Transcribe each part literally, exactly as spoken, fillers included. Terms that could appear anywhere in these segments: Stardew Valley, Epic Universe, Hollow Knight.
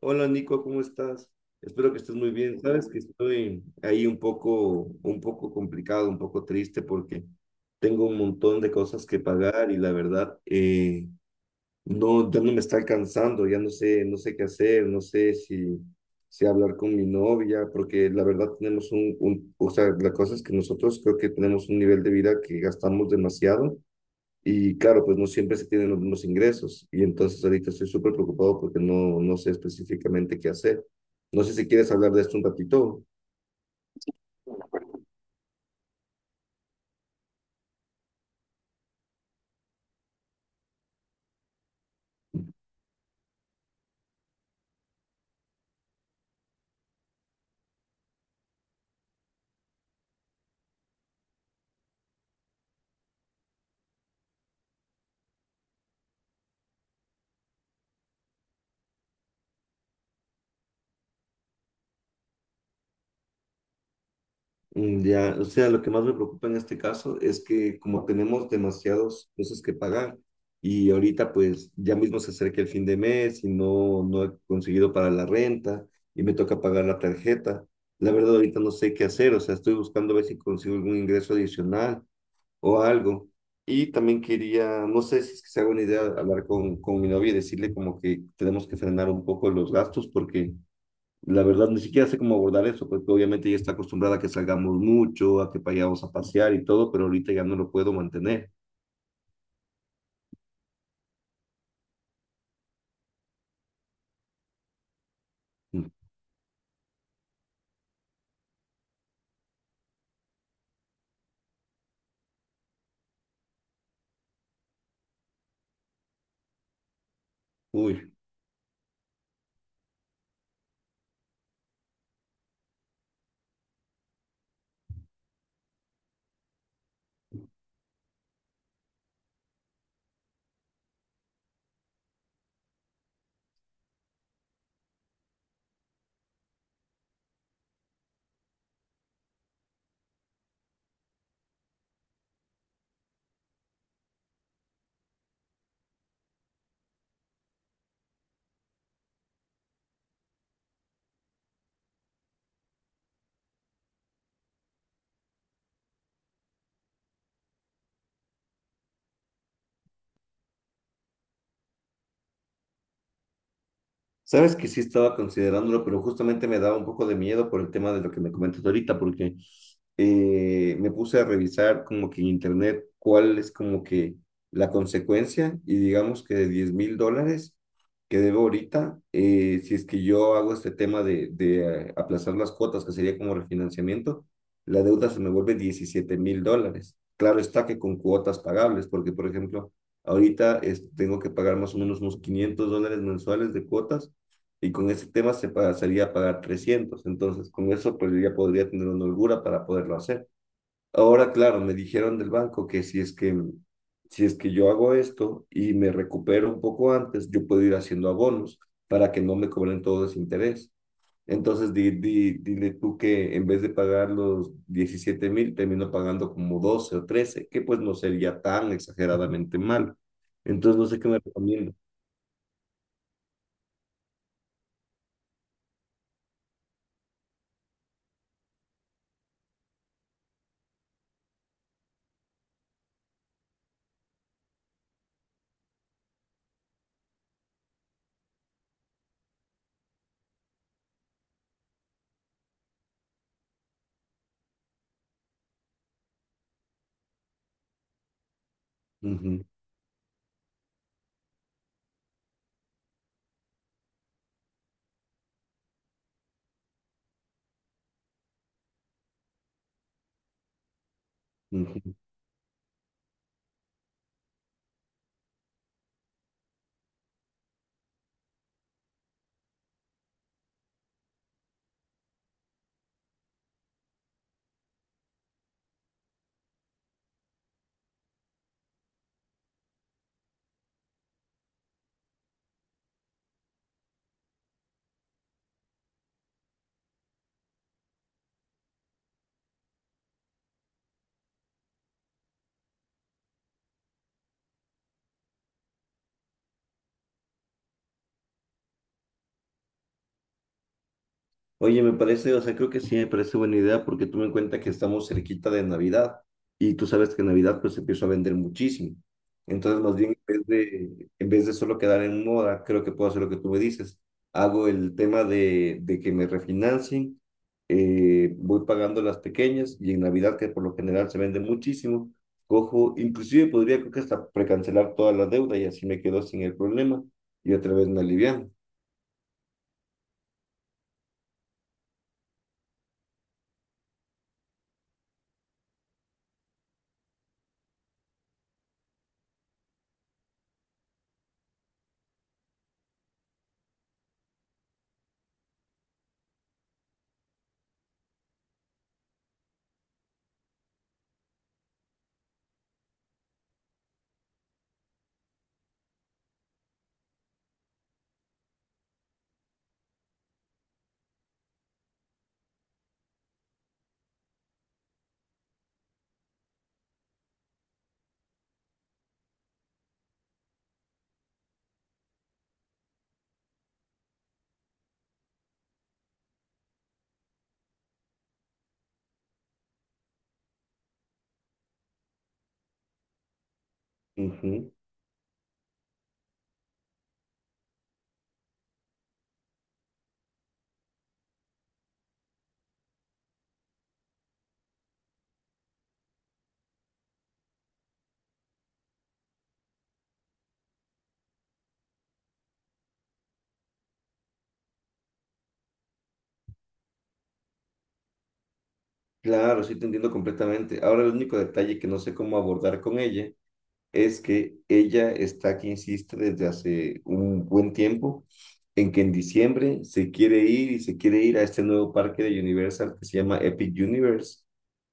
Hola Nico, ¿cómo estás? Espero que estés muy bien. Sabes que estoy ahí un poco, un poco complicado, un poco triste porque tengo un montón de cosas que pagar y la verdad eh, no, ya no me está alcanzando, ya no sé, no sé qué hacer, no sé si, si hablar con mi novia, porque la verdad tenemos un, un, o sea, la cosa es que nosotros creo que tenemos un nivel de vida que gastamos demasiado. Y claro, pues no siempre se tienen los mismos ingresos. Y entonces ahorita estoy súper preocupado porque no, no sé específicamente qué hacer. No sé si quieres hablar de esto un ratito. Mm, ya, o sea, lo que más me preocupa en este caso es que como tenemos demasiadas cosas que pagar y ahorita pues ya mismo se acerca el fin de mes y no, no he conseguido para la renta y me toca pagar la tarjeta. La verdad ahorita no sé qué hacer, o sea, estoy buscando a ver si consigo algún ingreso adicional o algo. Y también quería, no sé si es que se haga una idea, hablar con, con mi novia y decirle como que tenemos que frenar un poco los gastos porque la verdad ni siquiera sé cómo abordar eso, porque obviamente ella está acostumbrada a que salgamos mucho, a que vayamos a pasear y todo, pero ahorita ya no lo puedo mantener. Mm. Uy. Sabes que sí estaba considerándolo, pero justamente me daba un poco de miedo por el tema de lo que me comentas ahorita, porque eh, me puse a revisar como que en internet cuál es como que la consecuencia y digamos que de diez mil dólares que debo ahorita, eh, si es que yo hago este tema de, de eh, aplazar las cuotas, que sería como refinanciamiento, la deuda se me vuelve diecisiete mil dólares. Claro está que con cuotas pagables, porque por ejemplo, ahorita es- tengo que pagar más o menos unos quinientos dólares mensuales de cuotas y con ese tema se pasaría a pagar trescientos. Entonces, con eso pues ya podría tener una holgura para poderlo hacer. Ahora, claro, me dijeron del banco que si es que si es que yo hago esto y me recupero un poco antes, yo puedo ir haciendo abonos para que no me cobren todo ese interés. Entonces, di, di, dile tú que en vez de pagar los diecisiete mil, termino pagando como doce o trece que pues no sería tan exageradamente mal. Entonces, no sé qué me recomienda. Ujú, ujú. Oye, me parece, o sea, creo que sí, me parece buena idea porque tú en cuenta que estamos cerquita de Navidad y tú sabes que en Navidad pues se empieza a vender muchísimo. Entonces, más bien, en vez de, en vez de solo quedar en moda, creo que puedo hacer lo que tú me dices. Hago el tema de, de que me refinancien, eh, voy pagando las pequeñas y en Navidad, que por lo general se vende muchísimo, cojo, inclusive podría creo que hasta precancelar toda la deuda y así me quedo sin el problema y otra vez me alivian. Claro, sí te entiendo completamente. Ahora el único detalle que no sé cómo abordar con ella es que ella está aquí insiste desde hace un buen tiempo en que en diciembre se quiere ir y se quiere ir a este nuevo parque de Universal que se llama Epic Universe.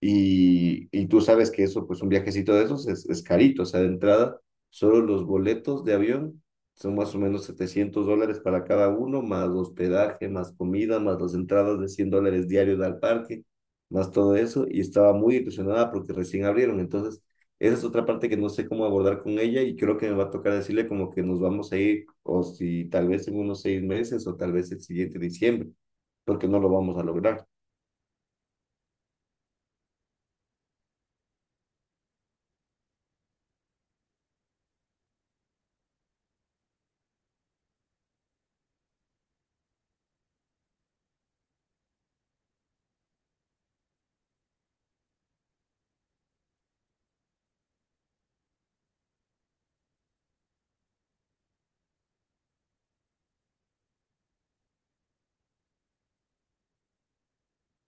Y, y tú sabes que eso, pues un viajecito de esos es, es carito, o sea, de entrada, solo los boletos de avión son más o menos setecientos dólares para cada uno, más hospedaje, más comida, más las entradas de cien dólares diarios al parque, más todo eso. Y estaba muy ilusionada porque recién abrieron. Entonces, esa es otra parte que no sé cómo abordar con ella y creo que me va a tocar decirle como que nos vamos a ir o si tal vez en unos seis meses o tal vez el siguiente diciembre, porque no lo vamos a lograr.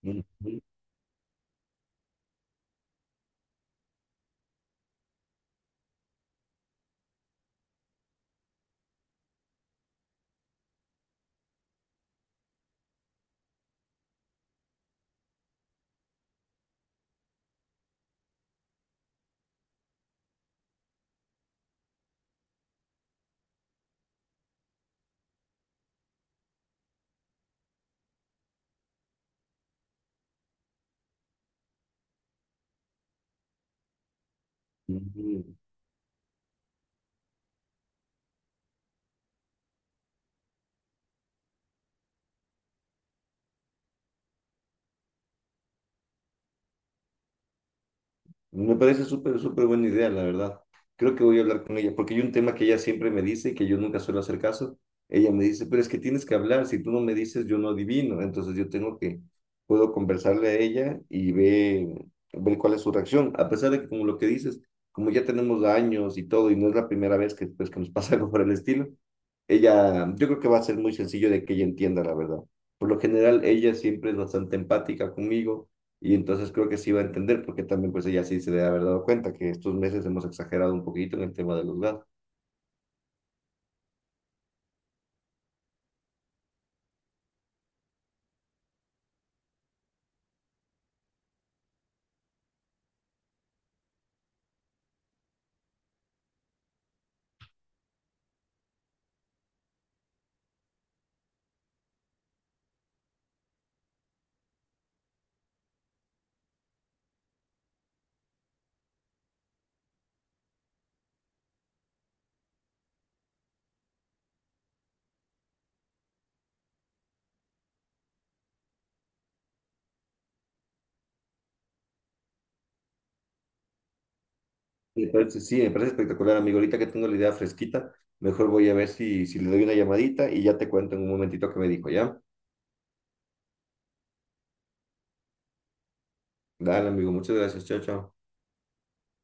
Ujú, ujú. Me parece súper, súper buena idea, la verdad. Creo que voy a hablar con ella, porque hay un tema que ella siempre me dice y que yo nunca suelo hacer caso. Ella me dice, pero es que tienes que hablar, si tú no me dices, yo no adivino. Entonces yo tengo que, puedo conversarle a ella y ver, ver cuál es su reacción. A pesar de que, como lo que dices, como ya tenemos años y todo, y no es la primera vez que, pues, que nos pasa algo por el estilo, ella, yo creo que va a ser muy sencillo de que ella entienda la verdad. Por lo general, ella siempre es bastante empática conmigo y entonces creo que sí va a entender, porque también pues ella sí se debe haber dado cuenta que estos meses hemos exagerado un poquito en el tema de los gastos. Me parece, sí, me parece espectacular, amigo. Ahorita que tengo la idea fresquita, mejor voy a ver si, si le doy una llamadita y ya te cuento en un momentito qué me dijo, ¿ya? Dale, amigo, muchas gracias. Chao, chao.